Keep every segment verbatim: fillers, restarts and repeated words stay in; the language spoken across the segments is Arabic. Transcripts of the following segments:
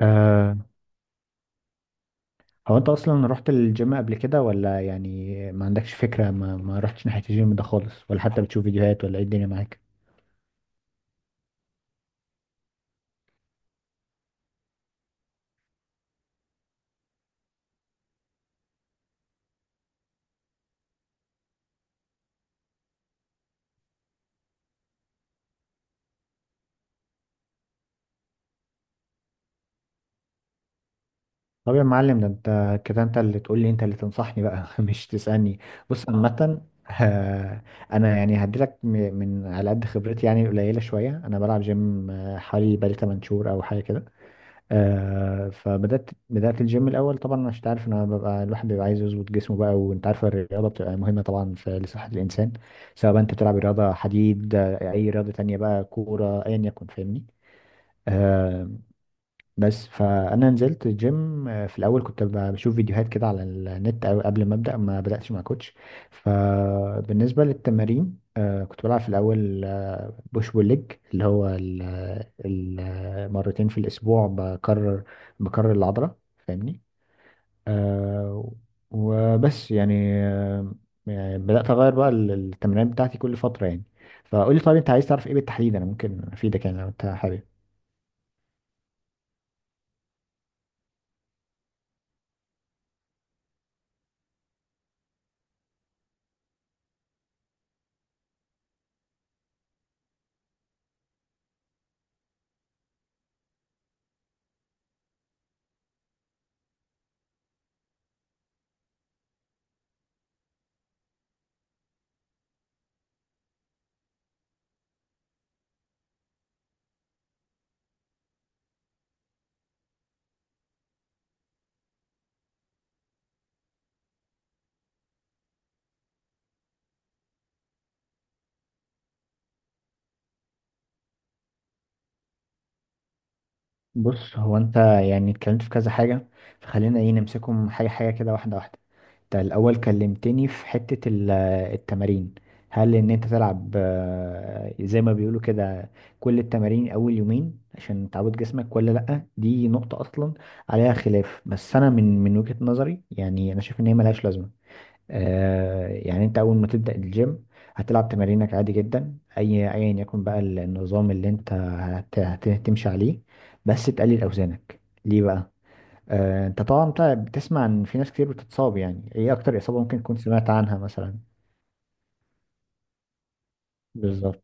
أه هو انت اصلا رحت الجيم قبل كده ولا يعني ما عندكش فكرة، ما, ما رحتش ناحية الجيم ده خالص، ولا حتى بتشوف فيديوهات، ولا ايه الدنيا معاك؟ طب يا معلم، ده انت كده انت اللي تقول لي، انت اللي تنصحني بقى مش تسألني. بص عامة، آه، انا يعني هديلك م- من على قد خبرتي، يعني قليلة شوية. انا بلعب جيم آه، حوالي بقالي 8 شهور او حاجة كده. آه فبدأت بدأت الجيم الأول، طبعا عشان تعرف إن أنا ببقى الواحد بيبقى عايز يظبط جسمه بقى، وأنت عارف الرياضة بتبقى مهمة طبعا في لصحة الإنسان، سواء بقى أنت بتلعب رياضة حديد آه، أي رياضة تانية بقى كورة أيا يكن، فاهمني. آه بس فأنا نزلت الجيم آه، في الأول كنت ب- بشوف فيديوهات كده على النت، أو قبل ما أبدأ ما بدأتش مع كوتش. فبالنسبة للتمارين آه كنت بلعب في الأول بوش بول ليج، اللي هو ال ال مرتين في الأسبوع، بكرر بكرر العضلة، فاهمني. آه وبس يعني. آه يعني بدأت أغير بقى ال- التمرينات بتاعتي كل فترة يعني. فقولي طيب، أنت عايز تعرف إيه بالتحديد، أنا ممكن أفيدك يعني لو أنت حابب. بص، هو انت يعني اتكلمت في كذا حاجة، فخلينا ايه نمسكهم حاجة حاجة كده، واحدة واحدة. انت الأول كلمتني في حتة ال- آه، التمارين. هل ان انت تلعب آه، زي ما بيقولوا كده كل التمارين اول يومين عشان تعود جسمك، ولا لأ؟ دي نقطة اصلا عليها خلاف، بس انا من من وجهة نظري يعني انا شايف ان هي ملهاش لازمة. آه، يعني انت اول ما تبدأ الجيم هتلعب تمارينك عادي جدا، اي ايا يكن بقى ال- النظام اللي انت هت- هت- هتمشي عليه، بس تقلل اوزانك. ليه بقى؟ آه، انت طبعا بتاع- بتسمع ان في ناس كتير بتتصاب. يعني ايه اكتر اصابة ممكن تكون سمعت عنها مثلا؟ بالظبط.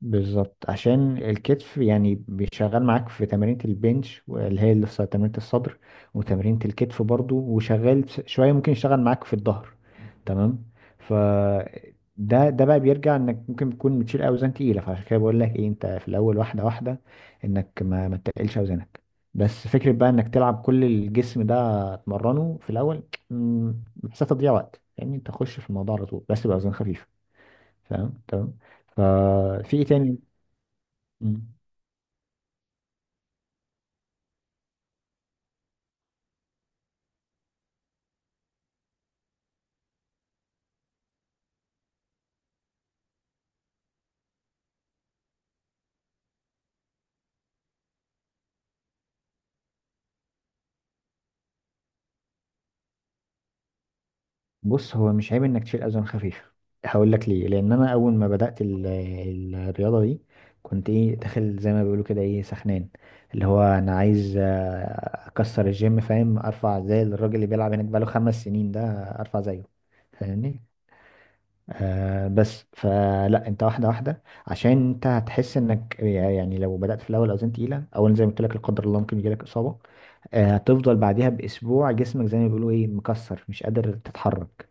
بالظبط، عشان الكتف يعني بيشغل معاك في تمارين البنش اللي هي اللي في تمرينة الصدر، وتمرينة الكتف برضو، وشغال شوية ممكن يشتغل معاك في الظهر. تمام. ف ده ده بقى بيرجع انك ممكن تكون بتشيل اوزان تقيله، فعشان كده بقول لك ايه، انت في الاول واحده واحده، انك ما ما تقلش اوزانك، بس فكره بقى انك تلعب كل الجسم ده، تمرنه في الاول. مم، بحسها تضييع وقت يعني. انت تخش في الموضوع على طول، بس باوزان خفيفه، فاهم. تمام. ففي ايه تاني؟ مم. بص، هو مش عيب انك تشيل اوزان خفيفه. هقول لك ليه، لان انا اول ما بدات ال- ال- الرياضه دي كنت ايه داخل زي ما بيقولوا كده ايه سخنان، اللي هو انا عايز آه، اكسر الجيم، فاهم، ارفع زي الراجل اللي بيلعب هناك بقاله خمس سنين ده، ارفع زيه، فاهمني. آه بس فلا، انت واحده واحده، عشان انت هتحس انك يعني لو بدات في الاول اوزان تقيله، اولا زي ما قلت لك لا قدر الله ممكن يجيلك اصابه. آه، هتفضل بعديها باسبوع جسمك زي ما بيقولوا ايه مكسر مش قادر تتحرك.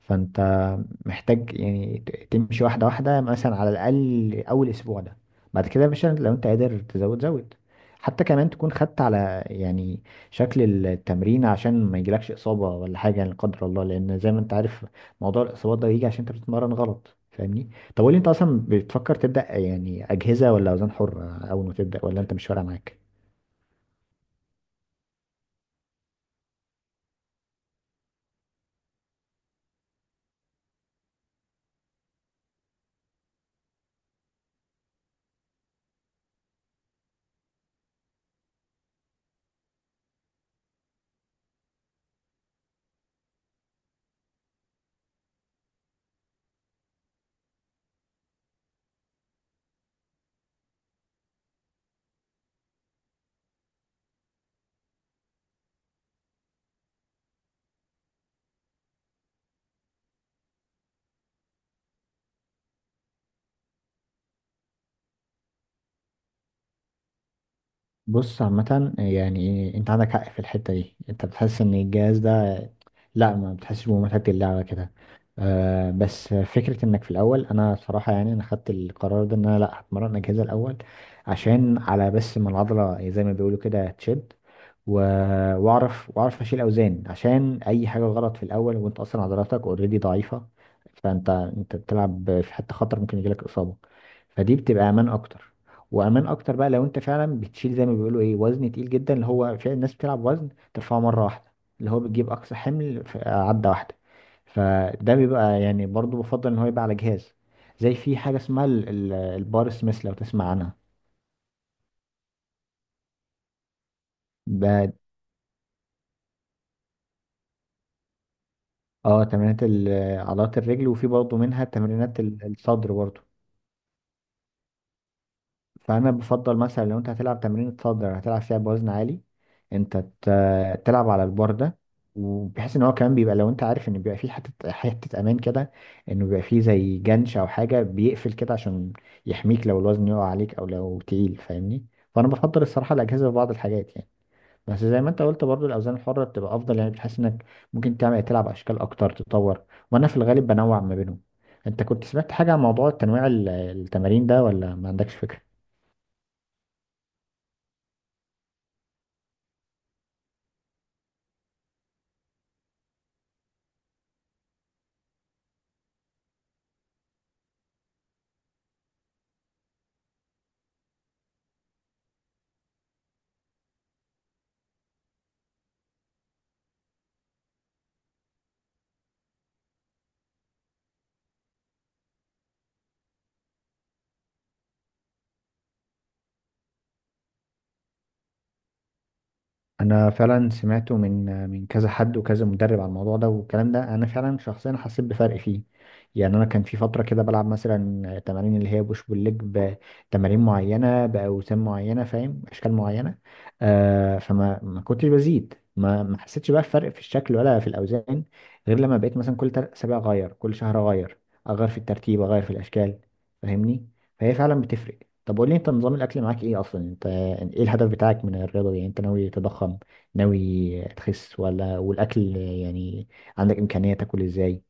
فانت محتاج يعني ت- تمشي واحدة واحدة، مثلا على الأقل أول أسبوع ده. بعد كده يا باشا لو أنت قادر تزود زود، حتى كمان تكون خدت على يعني شكل التمرين، عشان ما يجيلكش إصابة ولا حاجة يعني، لا قدر الله، لأن زي ما أنت عارف موضوع الإصابات ده بيجي عشان أنت بتتمرن غلط، فاهمني. طب قول لي، أنت أصلا بتفكر تبدأ يعني أجهزة ولا أوزان حرة أول ما تبدأ، ولا أنت مش فارقة معاك؟ بص عامة، يعني انت عندك حق في الحتة دي، انت بتحس ان الجهاز لا، ما بتحسش بمتعة اللعبة كده. آه بس فكرة انك في الاول، انا صراحة يعني انا خدت القرار ده ان انا لا هتمرن اجهزة الاول، عشان على بس ما العضلة إيه، زي ما بيقولوا كده تشد، و- واعرف واعرف اشيل اوزان، عشان اي حاجة غلط في الاول وانت اصلا عضلاتك اوريدي ضعيفة، فانت انت بتلعب في حتة خطر، ممكن يجيلك اصابة. فدي بتبقى امان اكتر، وامان اكتر بقى لو انت فعلا بتشيل زي ما بيقولوا ايه وزن تقيل جدا، اللي هو في ناس بتلعب وزن ترفعه مرة واحدة، اللي هو بتجيب أقصى حمل في عدة واحدة. فده بيبقى يعني، برضو بفضل إن هو يبقى على جهاز، زي في حاجة اسمها ال- ال- البار سميث، لو تسمع عنها. ده اه تمرينات ال- عضلات الرجل، وفي برضو منها تمرينات ال- الصدر برضو. فانا بفضل مثلا لو انت هتلعب تمرين الصدر هتلعب فيها بوزن عالي، انت ت- تلعب على البار ده، وبحيث ان هو كمان بيبقى لو انت عارف ان بيبقى فيه حته حته امان كده، انه بيبقى فيه زي جنش او حاجه بيقفل كده عشان يحميك لو الوزن يقع عليك او لو تقيل، فاهمني. فانا بفضل الصراحه الاجهزه في بعض الحاجات يعني، بس زي ما انت قلت برضو الاوزان الحره بتبقى افضل، يعني بتحس انك ممكن تعمل تلعب اشكال اكتر، تطور، وانا في الغالب بنوع ما بينهم. انت كنت سمعت حاجه عن موضوع تنويع ال- التمارين ده، ولا ما عندكش فكره؟ انا فعلا سمعته من من كذا حد وكذا مدرب على الموضوع ده، والكلام ده انا فعلا شخصيا حسيت بفرق فيه. يعني انا كان في فتره كده بلعب مثلا تمارين اللي هي بوش بول ليج، بتمارين معينه باوزان معينه، فاهم اشكال معينه. آه فما ما كنتش بزيد، ما ما حسيتش بقى فرق في الشكل ولا في الاوزان، غير لما بقيت مثلا كل تل- اسابيع اغير، كل شهر اغير، اغير في الترتيب اغير في الاشكال، فاهمني. فهي فعلا بتفرق. طب قول لي انت، نظام الاكل معاك ايه اصلا انت، يعني ايه الهدف بتاعك من الرياضة دي؟ يعني انت ناوي تضخم، ناوي تخس، ولا والاكل يعني عندك امكانية تاكل ازاي؟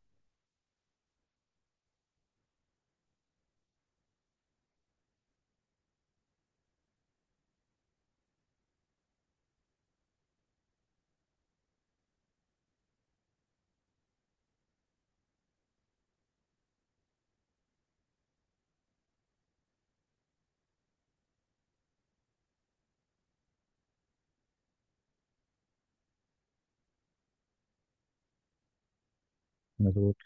مظبوط.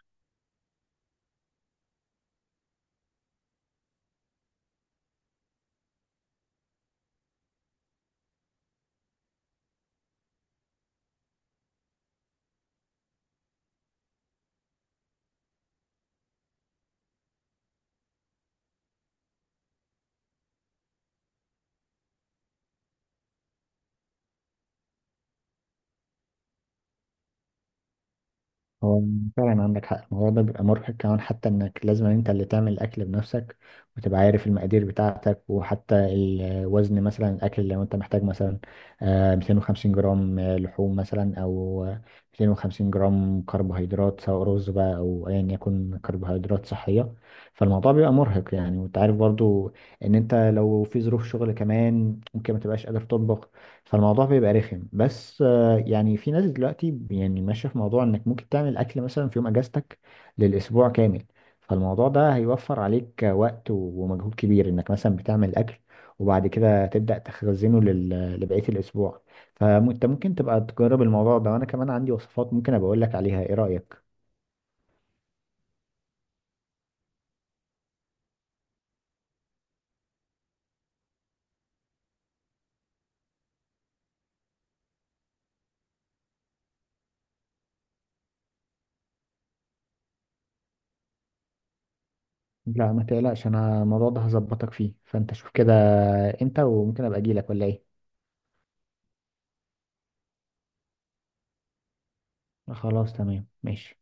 هو فعلا عندك حق، الموضوع ده بيبقى مرهق كمان، حتى انك لازم انت اللي تعمل الاكل بنفسك، وتبقى عارف المقادير بتاعتك، وحتى الوزن مثلا الاكل لو انت محتاج مثلا آه، مئتين وخمسين جرام آه، لحوم مثلا او آه، مئتين وخمسين جرام كربوهيدرات، سواء رز بقى او ايا يكن كربوهيدرات صحية. فالموضوع بيبقى مرهق يعني، وانت عارف برضو ان انت لو في ظروف شغل كمان ممكن ما تبقاش قادر تطبخ. فالموضوع بيبقى رخم. بس يعني في ناس دلوقتي يعني ماشية في موضوع انك ممكن تعمل اكل مثلا في يوم اجازتك للاسبوع كامل، فالموضوع ده هيوفر عليك وقت ومجهود كبير، انك مثلا بتعمل اكل وبعد كده تبدأ تخزنه لل- لبقية الاسبوع. فانت ممكن تبقى تجرب الموضوع ده، وانا كمان عندي وصفات ممكن ابقى اقول لك عليها. ايه رأيك؟ لا ما تقلقش، انا الموضوع ده هظبطك فيه، فانت شوف كده امتى وممكن ابقى اجي لك، ولا ايه؟ خلاص تمام، ماشي.